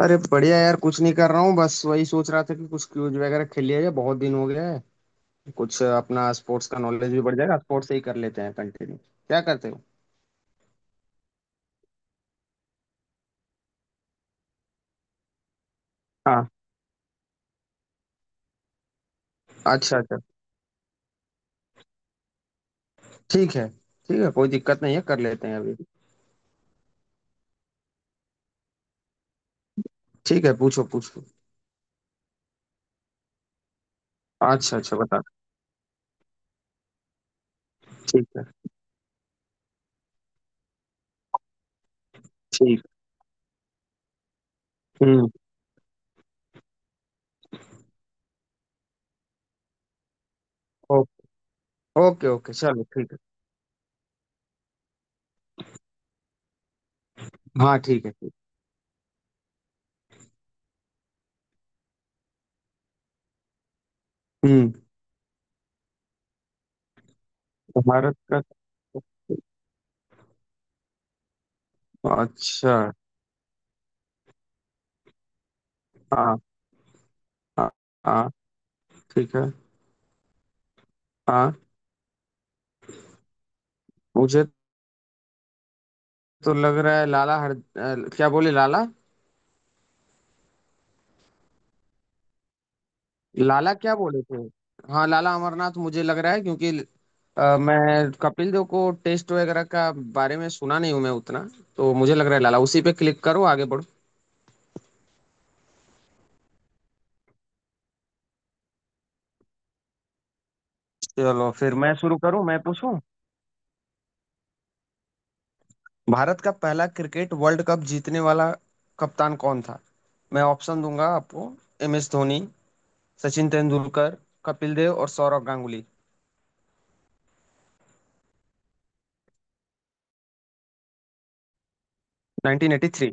अरे बढ़िया यार। कुछ नहीं कर रहा हूँ, बस वही सोच रहा था कि कुछ क्यूज वगैरह खेल लिया जाए, बहुत दिन हो गया है। कुछ अपना स्पोर्ट्स का नॉलेज भी बढ़ जाएगा। स्पोर्ट्स से ही कर लेते हैं, कंटिन्यू क्या करते हो। हाँ। अच्छा अच्छा। ठीक है ठीक है, कोई दिक्कत नहीं है, कर लेते हैं अभी। ठीक है, पूछो पूछो। अच्छा अच्छा, बता। ठीक है, ठीक। हम्म। ओके ओके ओके, चलो ठीक है। हाँ ठीक है, ठीक। हम्म। भारत का। अच्छा। हाँ हाँ हाँ। ठीक है। हाँ। मुझे तो लग रहा है लाला, क्या बोले लाला। लाला क्या बोले थे। हाँ, लाला अमरनाथ मुझे लग रहा है क्योंकि मैं कपिल देव को टेस्ट वगैरह का बारे में सुना नहीं हूं मैं उतना। तो मुझे लग रहा है लाला, उसी पे क्लिक करो, आगे बढ़ो। चलो फिर मैं शुरू करूं, मैं पूछूं। भारत का पहला क्रिकेट वर्ल्ड कप जीतने वाला कप्तान कौन था? मैं ऑप्शन दूंगा आपको। एम एस धोनी, सचिन तेंदुलकर, कपिल देव और सौरव गांगुली। 1983।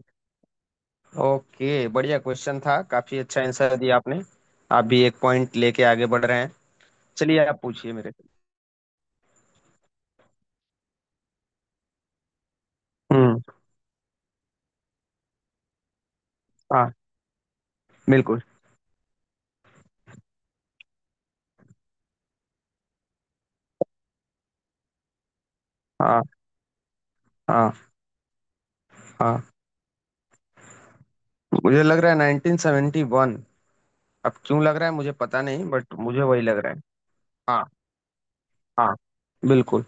ओके। बढ़िया क्वेश्चन था, काफी अच्छा आंसर दिया आपने। आप भी एक पॉइंट लेके आगे बढ़ रहे हैं। चलिए आप पूछिए मेरे। हम्म। हाँ बिल्कुल। हाँ। हाँ। हाँ। मुझे लग रहा है 1971। अब क्यों लग रहा है मुझे पता नहीं, बट मुझे वही लग रहा है। हाँ। हाँ। बिल्कुल।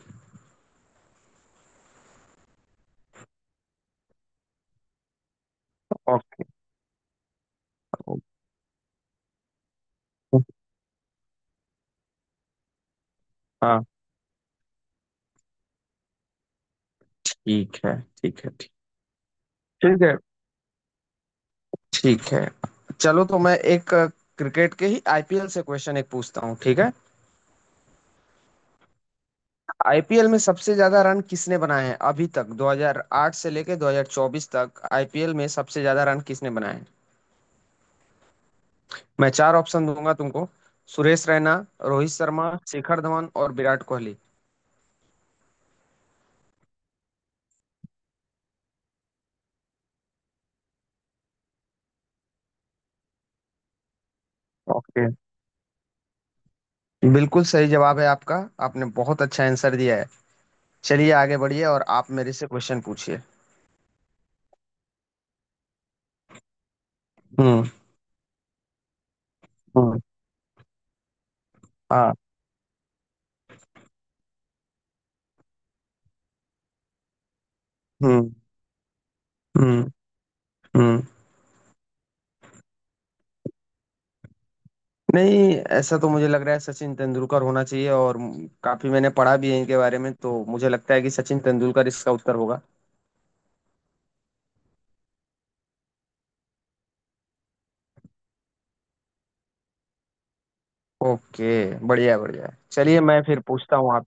ओके। ओके। हाँ ठीक है। ठीक है, ठीक। ठीक है। ठीक है। चलो तो मैं एक क्रिकेट के ही आईपीएल से क्वेश्चन एक पूछता हूँ, ठीक है। आईपीएल में सबसे ज्यादा रन किसने बनाए हैं अभी तक? 2008 से लेके 2024 तक आईपीएल में सबसे ज्यादा रन किसने बनाए हैं? मैं चार ऑप्शन दूंगा तुमको। सुरेश रैना, रोहित शर्मा, शिखर धवन और विराट कोहली। ओके। बिल्कुल सही जवाब है आपका। आपने बहुत अच्छा आंसर दिया है। चलिए आगे बढ़िए और आप मेरे से क्वेश्चन पूछिए। हम्म। हम्म। हाँ। हम्म। हम्म। हम्म। नहीं। ऐसा तो मुझे लग रहा है सचिन तेंदुलकर होना चाहिए, और काफी मैंने पढ़ा भी है इनके बारे में, तो मुझे लगता है कि सचिन तेंदुलकर इसका उत्तर होगा। ओके। बढ़िया बढ़िया। चलिए मैं फिर पूछता हूँ आप।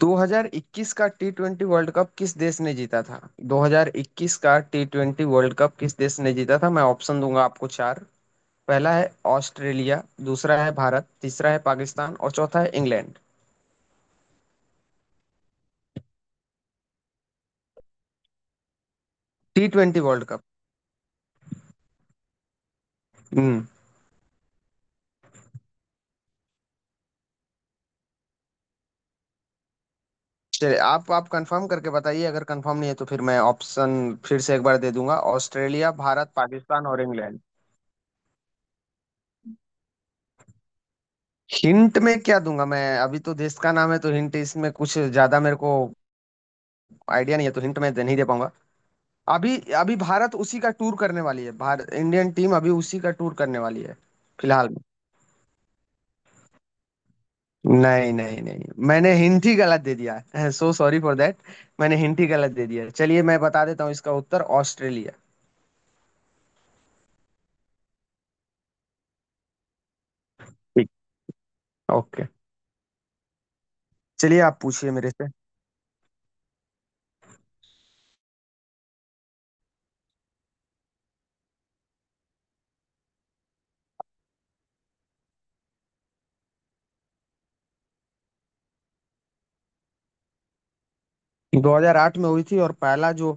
2021 का टी ट्वेंटी वर्ल्ड कप किस देश ने जीता था? 2021 का टी ट्वेंटी वर्ल्ड कप किस देश ने जीता था? मैं ऑप्शन दूंगा आपको चार। पहला है ऑस्ट्रेलिया, दूसरा है भारत, तीसरा है पाकिस्तान और चौथा है England. T twenty world cup. हम्म। चलिए आप कंफर्म करके बताइए, अगर कंफर्म नहीं है तो फिर मैं ऑप्शन फिर से एक बार दे दूंगा। ऑस्ट्रेलिया, भारत, पाकिस्तान और इंग्लैंड। हिंट में क्या दूंगा मैं, अभी तो देश का नाम है, तो हिंट इसमें कुछ ज्यादा मेरे को आइडिया नहीं है, तो हिंट मैं दे नहीं दे पाऊंगा। अभी अभी भारत उसी का टूर करने वाली है, भारत इंडियन टीम अभी उसी का टूर करने वाली है फिलहाल में। नहीं नहीं नहीं, मैंने हिंट ही गलत दे दिया है, सो सॉरी फॉर दैट। मैंने हिंट ही गलत दे दिया है। चलिए मैं बता देता हूँ इसका उत्तर, ऑस्ट्रेलिया। ठीक। ओके। चलिए आप पूछिए मेरे से। 2008 में हुई थी, और पहला जो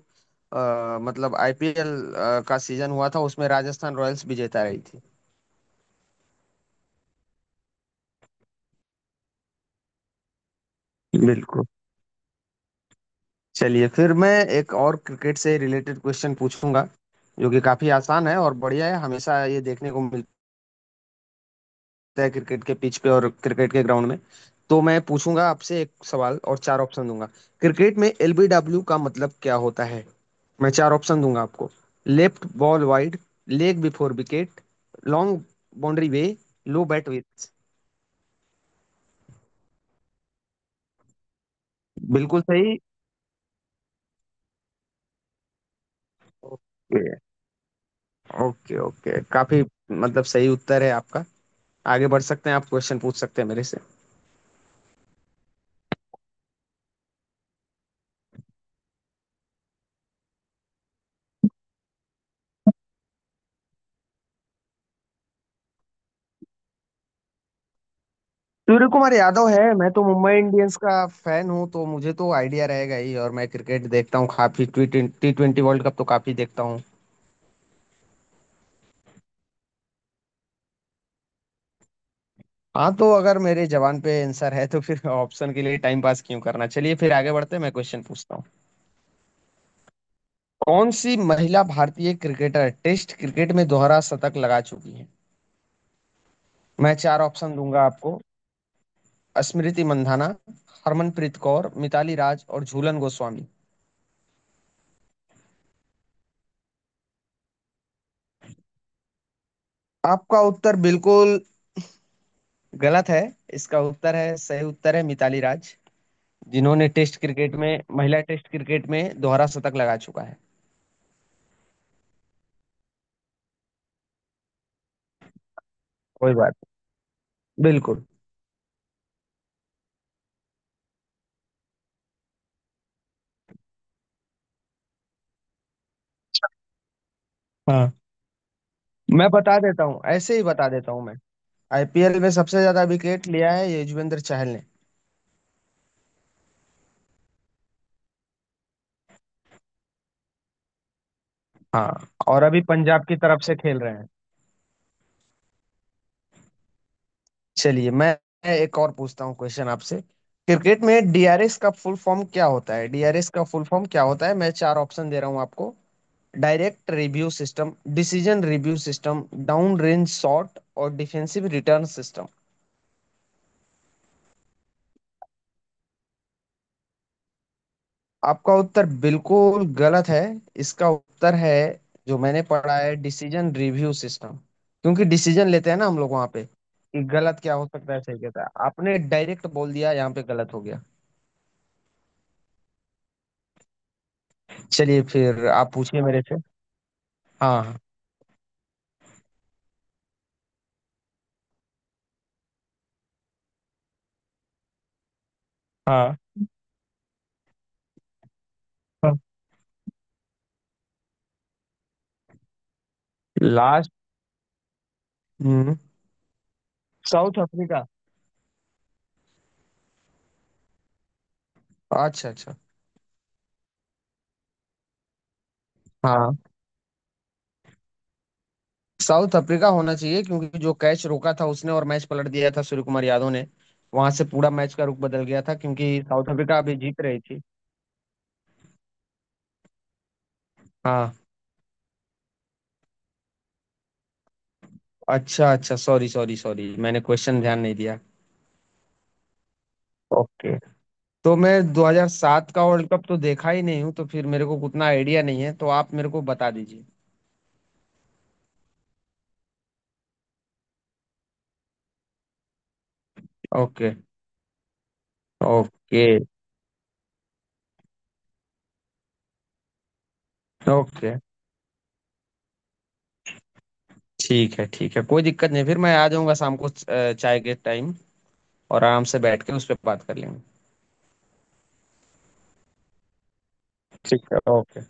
मतलब आईपीएल का सीजन हुआ था उसमें राजस्थान रॉयल्स विजेता रही थी। बिल्कुल। चलिए फिर मैं एक और क्रिकेट से रिलेटेड क्वेश्चन पूछूंगा, जो कि काफी आसान है और बढ़िया है, हमेशा ये देखने को मिलता है क्रिकेट के पिच पे और क्रिकेट के ग्राउंड में। तो मैं पूछूंगा आपसे एक सवाल और चार ऑप्शन दूंगा। क्रिकेट में एलबीडब्ल्यू का मतलब क्या होता है? मैं चार ऑप्शन दूंगा आपको। Left ball wide, leg before wicket, long boundary way, low bat width. बिल्कुल सही। ओके। ओके ओके, काफी मतलब सही उत्तर है आपका। आगे बढ़ सकते हैं, आप क्वेश्चन पूछ सकते हैं मेरे से। सूर्य कुमार यादव है। मैं तो मुंबई इंडियंस का फैन हूँ, तो मुझे तो आइडिया रहेगा ही, और मैं क्रिकेट देखता हूँ काफी, T T twenty world cup तो काफी देखता हूँ। हाँ, तो अगर मेरे जवान पे आंसर है तो फिर ऑप्शन के लिए टाइम पास क्यों करना। चलिए फिर आगे बढ़ते हैं, मैं क्वेश्चन पूछता हूँ। कौन सी महिला भारतीय क्रिकेटर टेस्ट क्रिकेट में दोहरा शतक लगा चुकी है? मैं चार ऑप्शन दूंगा आपको। स्मृति मंधाना, हरमनप्रीत कौर, मिताली राज और झूलन गोस्वामी। आपका उत्तर बिल्कुल गलत है। इसका उत्तर है, सही उत्तर है मिताली राज, जिन्होंने टेस्ट क्रिकेट में, महिला टेस्ट क्रिकेट में दोहरा शतक लगा चुका है। कोई बात नहीं, बिल्कुल। हाँ। मैं बता देता हूँ, ऐसे ही बता देता हूँ मैं। आईपीएल में सबसे ज्यादा विकेट लिया है युजवेंद्र चहल ने। हाँ, और अभी पंजाब की तरफ से खेल रहे हैं। चलिए मैं एक और पूछता हूँ क्वेश्चन आपसे। क्रिकेट में डीआरएस का फुल फॉर्म क्या होता है? डीआरएस का फुल फॉर्म क्या होता है? मैं चार ऑप्शन दे रहा हूँ आपको। Direct review system, decision review system, down range shot और डिफेंसिव रिटर्न सिस्टम। आपका उत्तर बिल्कुल गलत है। इसका उत्तर है, जो मैंने पढ़ा है, डिसीजन रिव्यू सिस्टम, क्योंकि डिसीजन लेते हैं ना हम लोग वहां पे कि गलत क्या हो सकता है सही। कहता है आपने डायरेक्ट बोल दिया, यहाँ पे गलत हो गया। चलिए फिर आप पूछिए मेरे से। हाँ। हाँ। हाँ। लास्ट। हम्म। South Africa. अच्छा अच्छा। हाँ, साउथ अफ्रीका होना चाहिए, क्योंकि जो कैच रोका था उसने और मैच पलट दिया था सूर्य कुमार यादव ने, वहां से पूरा मैच का रुख बदल गया था, क्योंकि साउथ अफ्रीका अभी जीत रही थी। हाँ। अच्छा अच्छा, सॉरी सॉरी सॉरी, मैंने क्वेश्चन ध्यान नहीं दिया। ओके। तो मैं 2007 का वर्ल्ड कप तो देखा ही नहीं हूँ, तो फिर मेरे को उतना आइडिया नहीं है, तो आप मेरे को बता दीजिए। ओके। Okay okay. ठीक है ठीक है, कोई दिक्कत नहीं, फिर मैं आ जाऊंगा शाम को चाय के टाइम, और आराम से बैठ के उस पर बात कर लेंगे। ठीक है। ओके।